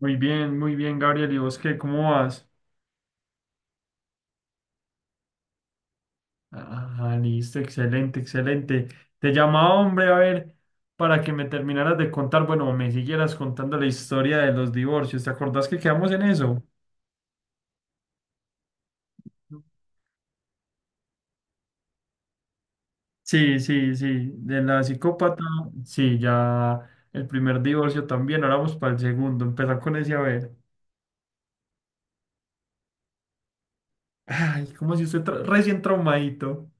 Muy bien, Gabriel. ¿Y vos qué? ¿Cómo vas? Ah, listo, excelente, excelente. Te llamaba, hombre, a ver, para que me terminaras de contar, bueno, me siguieras contando la historia de los divorcios. ¿Te acordás que quedamos en eso? Sí, sí, sí, de la psicópata, sí, ya el primer divorcio también, ahora vamos para el segundo, empezar con ese a ver. Ay, como si usted recién traumadito.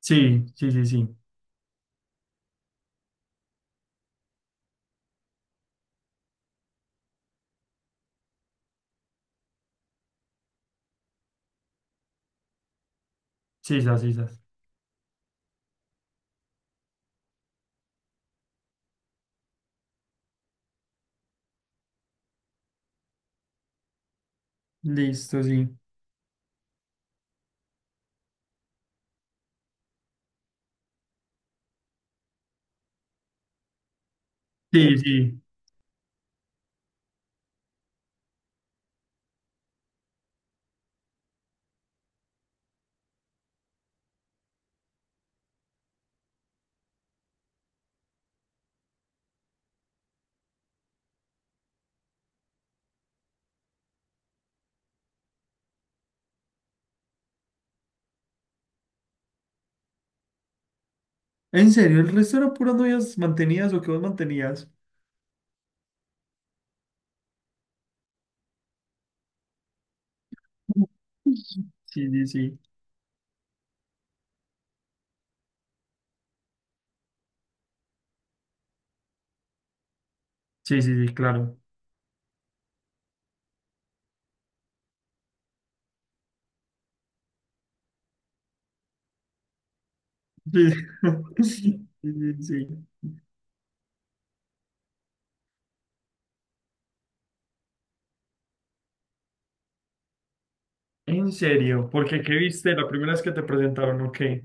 Sí, sí, sí, sí, sí, sisas, sisas. Listo, sí. Sí, sí. En serio, el resto eran puras novias mantenidas o que vos mantenías. Sí, sí, sí. Sí, sí, sí, claro. Sí, sí, sí, sí. En serio, porque ¿qué viste la primera vez que te presentaron o qué?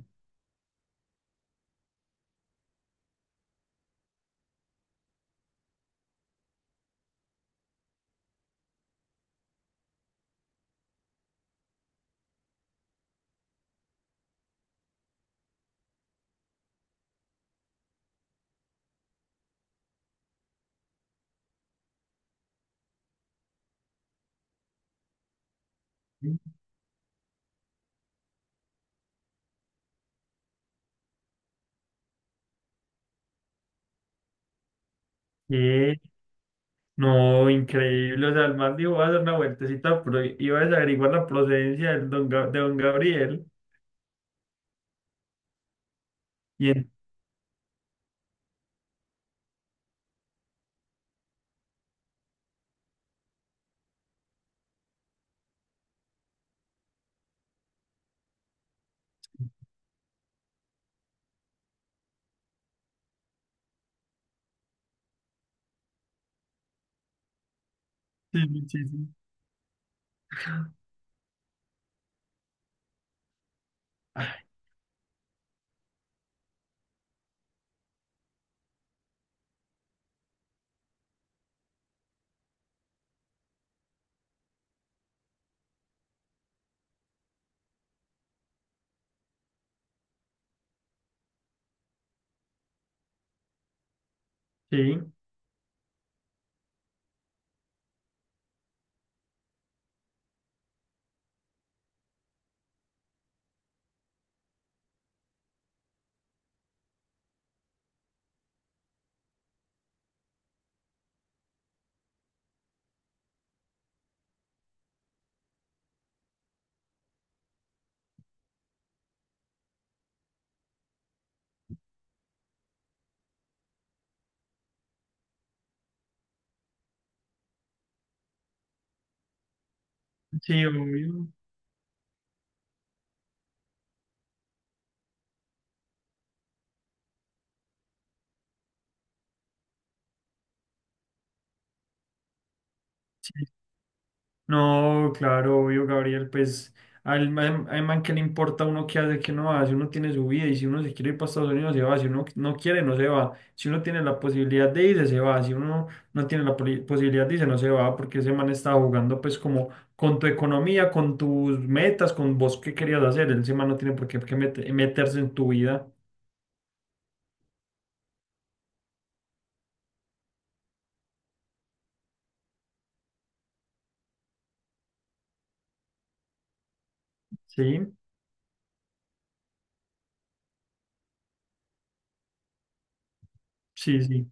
¿Qué? No, increíble. O sea, el man dijo, voy a hacer una vueltecita, pero iba a averiguar la procedencia del de don Gabriel. Y en- Sí, sí, sí, sí. Ay, sí, sí, obvio. Sí. No, claro, obvio, Gabriel, pues al man que le importa a uno qué hace, qué no hace, uno tiene su vida y si uno se quiere ir para Estados Unidos se va, si uno no quiere no se va, si uno tiene la posibilidad de irse se va, si uno no tiene la posibilidad de irse no se va, porque ese man estaba jugando pues como con tu economía, con tus metas, con vos qué querías hacer, ese man no tiene por qué, meterse en tu vida, ¿sí? Sí, sí,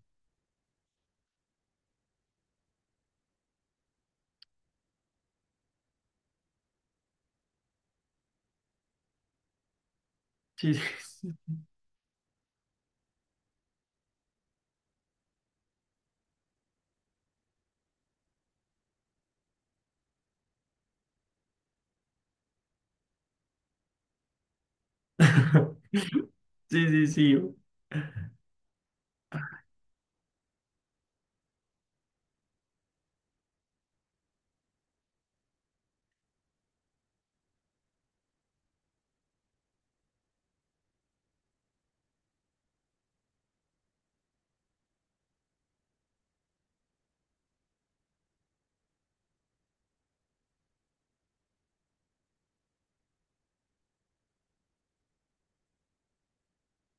sí, sí, sí, sí, sí.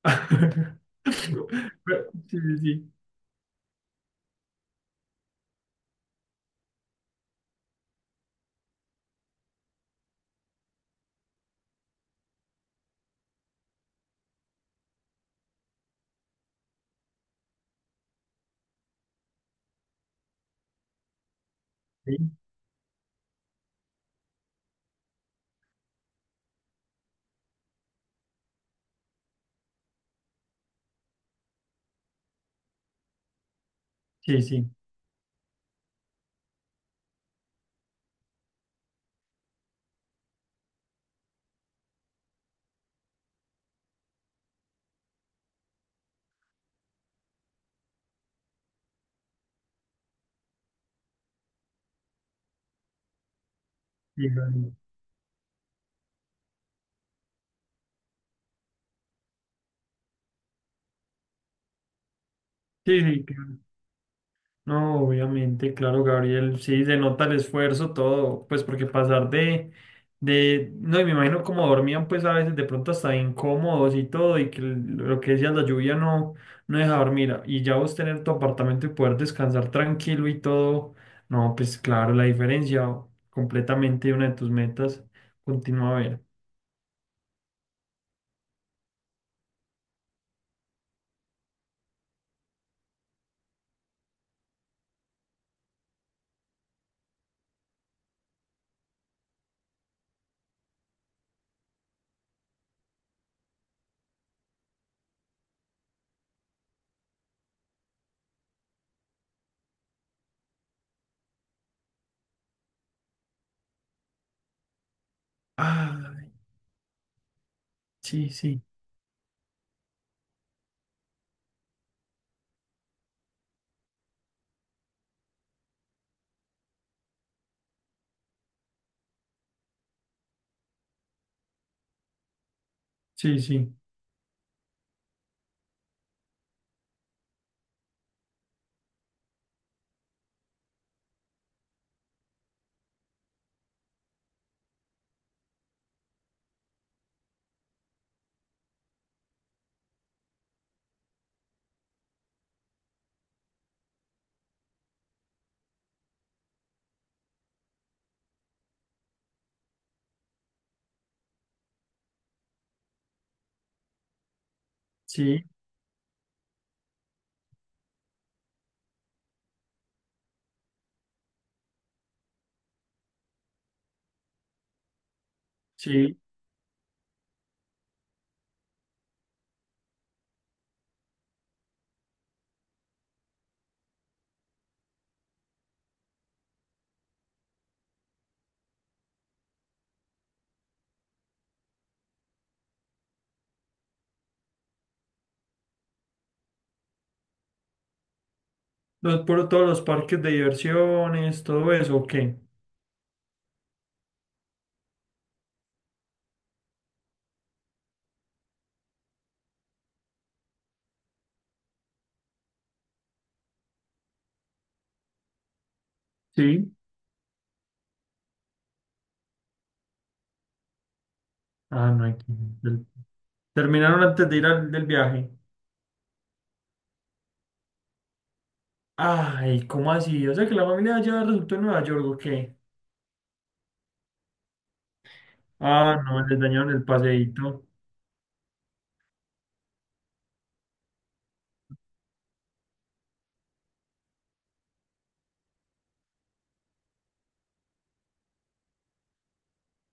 Pero- Sí, sí, sí, sí, sí, sí, sí, Gabriel. Sí, sí, claro. No, obviamente, claro, Gabriel, sí, se nota el esfuerzo, todo, pues porque pasar de, no, y me imagino como dormían, pues a veces de pronto hasta incómodos y todo, y que lo que decías, la lluvia no, no deja dormir, y ya vos tener tu apartamento y poder descansar tranquilo y todo, no, pues claro, la diferencia, completamente una de tus metas, continúa a ver. Ah, sí, sí. Sí, sí, sí, sí. Los, por todos los parques de diversiones, todo eso, ¿o qué? Sí. Ah, no hay que... el- Terminaron antes de ir al del viaje. Ay, ¿cómo así? O sea que la familia ya resultó en Nueva York, ¿o qué? Ah, no, les dañaron el paseíto.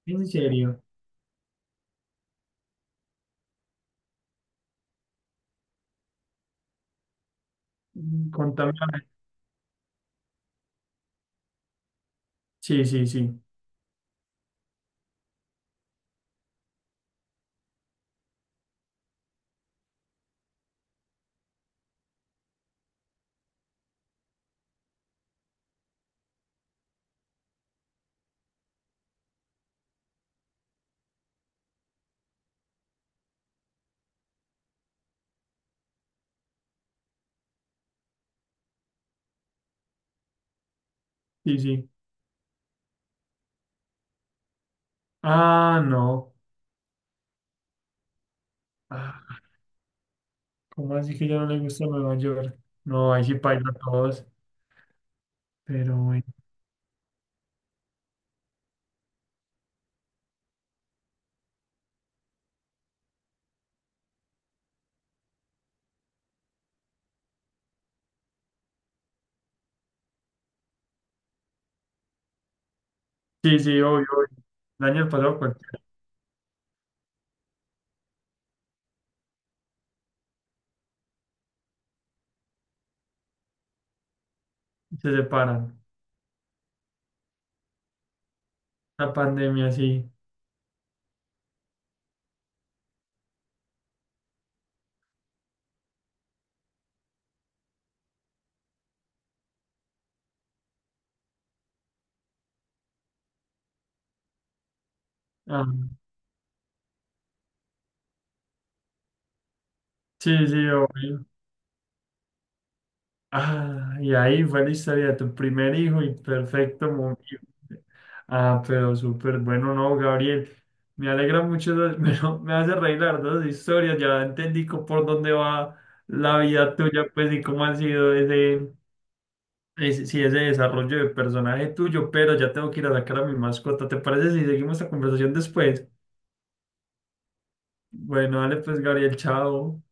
¿En serio? Mm, contame, a ver. Sí, sí, sí, sí, sí. Ah, no. Ah, ¿cómo así que ya no le gusta Nueva York? No, ahí sí paila a todos, pero bueno. Sí, sí, obvio, obvio. El año pasado cualquiera se separan. La pandemia, sí. Ah, sí, sí, obvio. Ah, y ahí fue la historia de tu primer hijo y perfecto, muy bien. Ah, pero súper bueno, no, Gabriel. Me alegra mucho, me hace reír las dos historias. Ya entendí por dónde va la vida tuya, pues, y cómo ha sido ese, sí, ese desarrollo de personaje tuyo. Pero ya tengo que ir a sacar a mi mascota. ¿Te parece si seguimos la conversación después? Bueno, dale, pues, Gabriel, chao.